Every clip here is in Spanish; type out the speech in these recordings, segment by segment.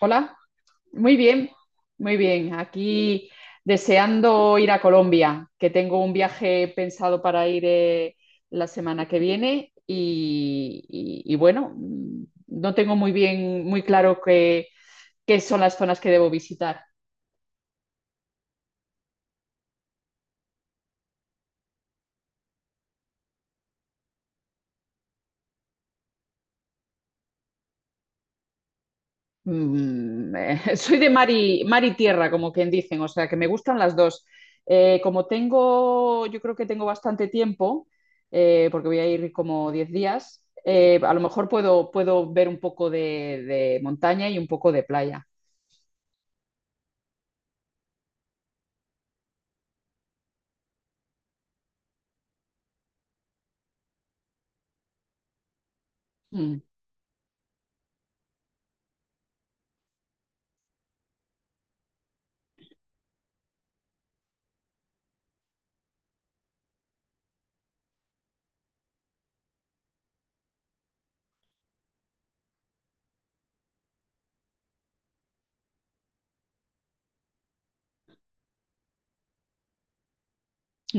Hola, muy bien, muy bien. Aquí deseando ir a Colombia, que tengo un viaje pensado para ir la semana que viene y bueno, no tengo muy bien, muy claro qué son las zonas que debo visitar. Soy de mar y tierra, como quien dicen, o sea que me gustan las dos. Yo creo que tengo bastante tiempo, porque voy a ir como 10 días, a lo mejor puedo ver un poco de montaña y un poco de playa. Mm.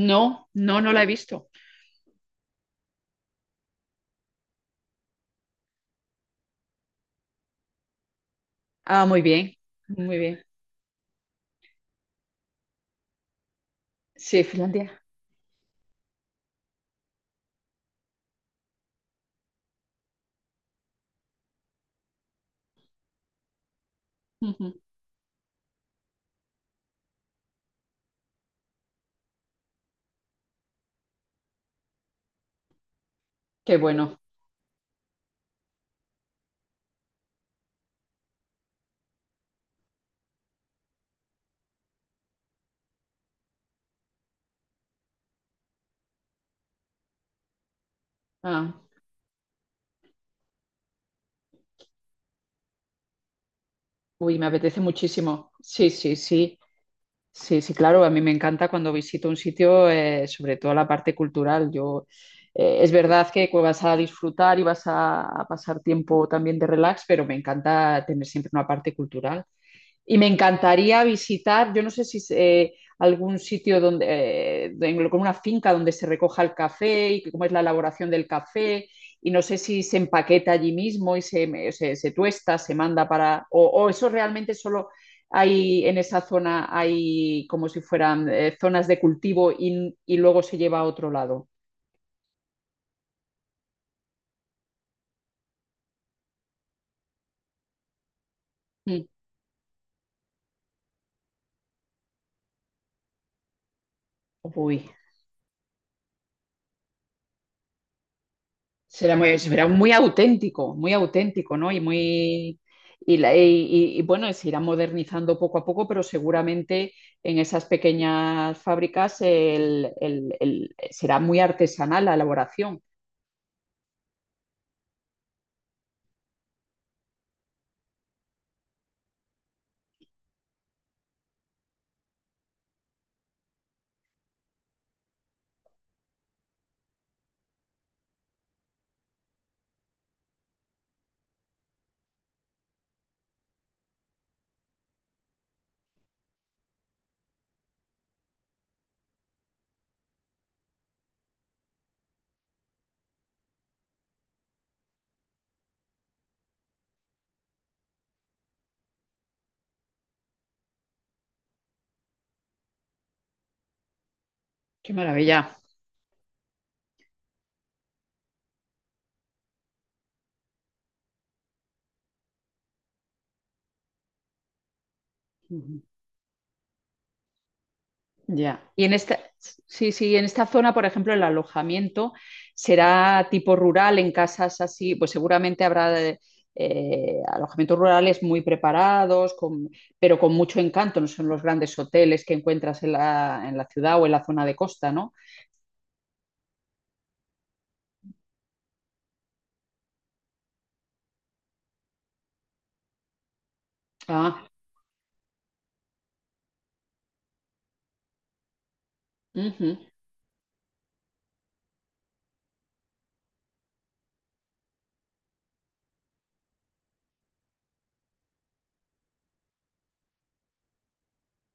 No, no, no la he visto. Ah, muy bien, muy bien. Sí, Finlandia. Ujú. Qué bueno. Ah. Uy, me apetece muchísimo. Sí, sí, sí. Sí, sí, claro, a mí me encanta cuando visito un sitio, sobre todo la parte cultural. Es verdad que vas a disfrutar y vas a pasar tiempo también de relax, pero me encanta tener siempre una parte cultural. Y me encantaría visitar, yo no sé si es, algún sitio donde, con una finca donde se recoja el café y cómo es la elaboración del café, y no sé si se empaqueta allí mismo y se tuesta, se manda para, o eso realmente solo hay en esa zona, hay como si fueran zonas de cultivo y luego se lleva a otro lado. Mm. Uy. Será muy auténtico, muy auténtico, ¿no? Y muy. Y, la- y- y, bueno, se irá modernizando poco a poco, pero seguramente en esas pequeñas fábricas será muy artesanal la elaboración. Qué maravilla. Ujú. Ya. Y sí, sí, en esta zona, por ejemplo, el alojamiento será tipo rural, en casas así, pues seguramente habrá alojamientos rurales muy preparados, pero con mucho encanto, no son los grandes hoteles que encuentras en la ciudad o en la zona de costa, ¿no? Ah, ujú,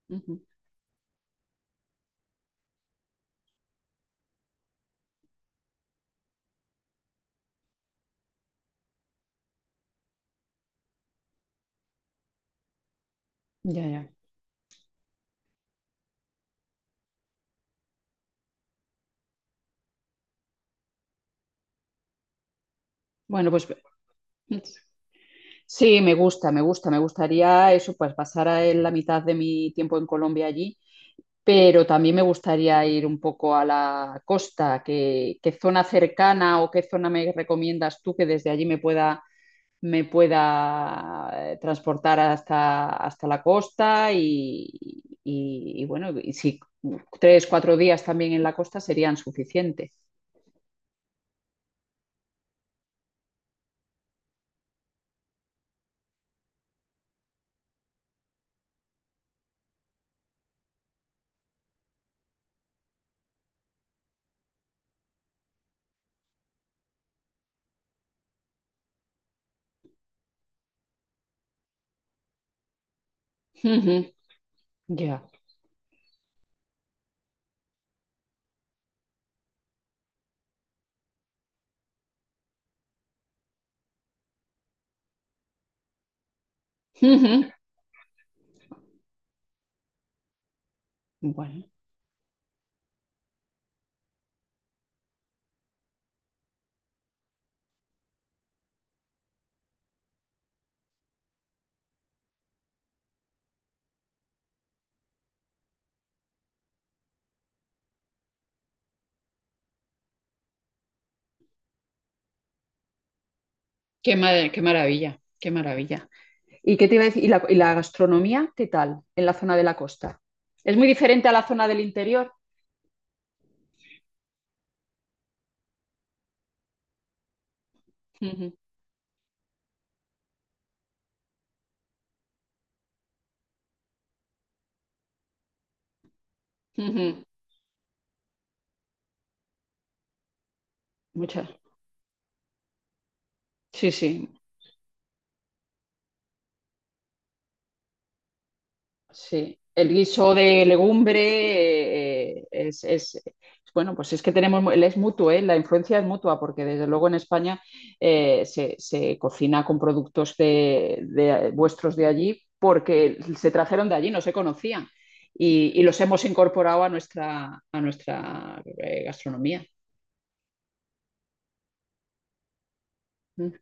ujú. Ya, ya. Bueno, pues sí, me gusta, me gusta, me gustaría eso, pues pasar en la mitad de mi tiempo en Colombia allí, pero también me gustaría ir un poco a la costa. ¿Qué zona cercana o qué zona me recomiendas tú que desde allí me pueda transportar hasta la costa? Y bueno, y si 3, 4 días también en la costa serían suficientes. Ujú. Ya. Ujú. Bueno, qué maravilla, qué maravilla. ¿Y qué te iba a decir? ¿Y la gastronomía, qué tal en la zona de la costa? ¿Es muy diferente a la zona del interior? Ujú. Muchas. Sí, sí, sí. El guiso de legumbre eh, eh, es, es- bueno, pues es que es mutuo, la influencia es mutua, porque desde luego en España se cocina con productos vuestros de allí, porque se trajeron de allí, no se conocían, y los hemos incorporado a nuestra gastronomía. Ujú,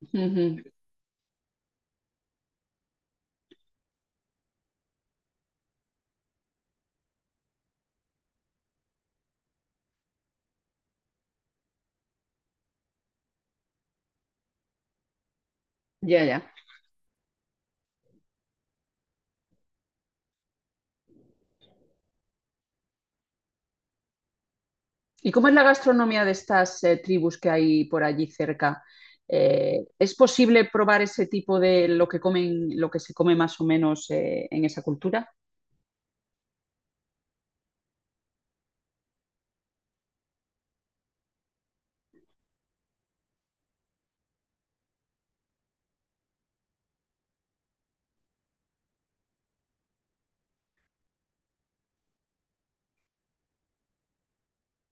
ujú. Ya, ya. ¿Y cómo es la gastronomía de estas tribus que hay por allí cerca? ¿Es posible probar ese tipo de lo que comen, lo que se come más o menos en esa cultura?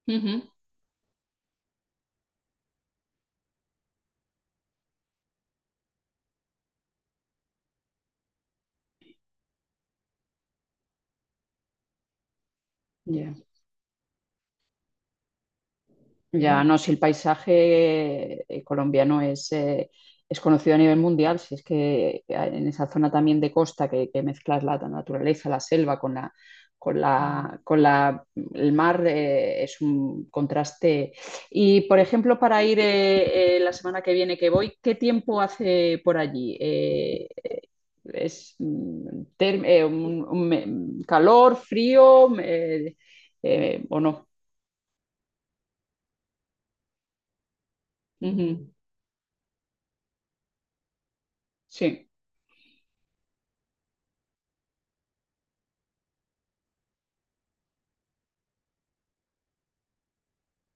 Ujú. Ya. Ya, no, si el paisaje colombiano es conocido a nivel mundial, si es que en esa zona también de costa que mezclas la naturaleza, la selva con con la, con la, el mar, es un contraste. Y, por ejemplo, para ir la semana que viene que voy, ¿qué tiempo hace por allí? ¿Es un calor, frío o no? Ujú. Sí.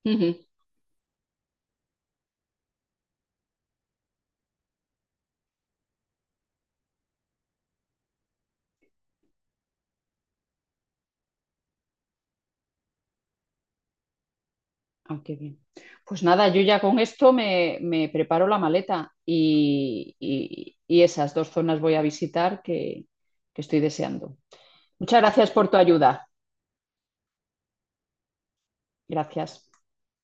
Ujú. Ah, qué bien. Pues nada, yo ya con esto me preparo la maleta y esas dos zonas voy a visitar que estoy deseando. Muchas gracias por tu ayuda. Gracias.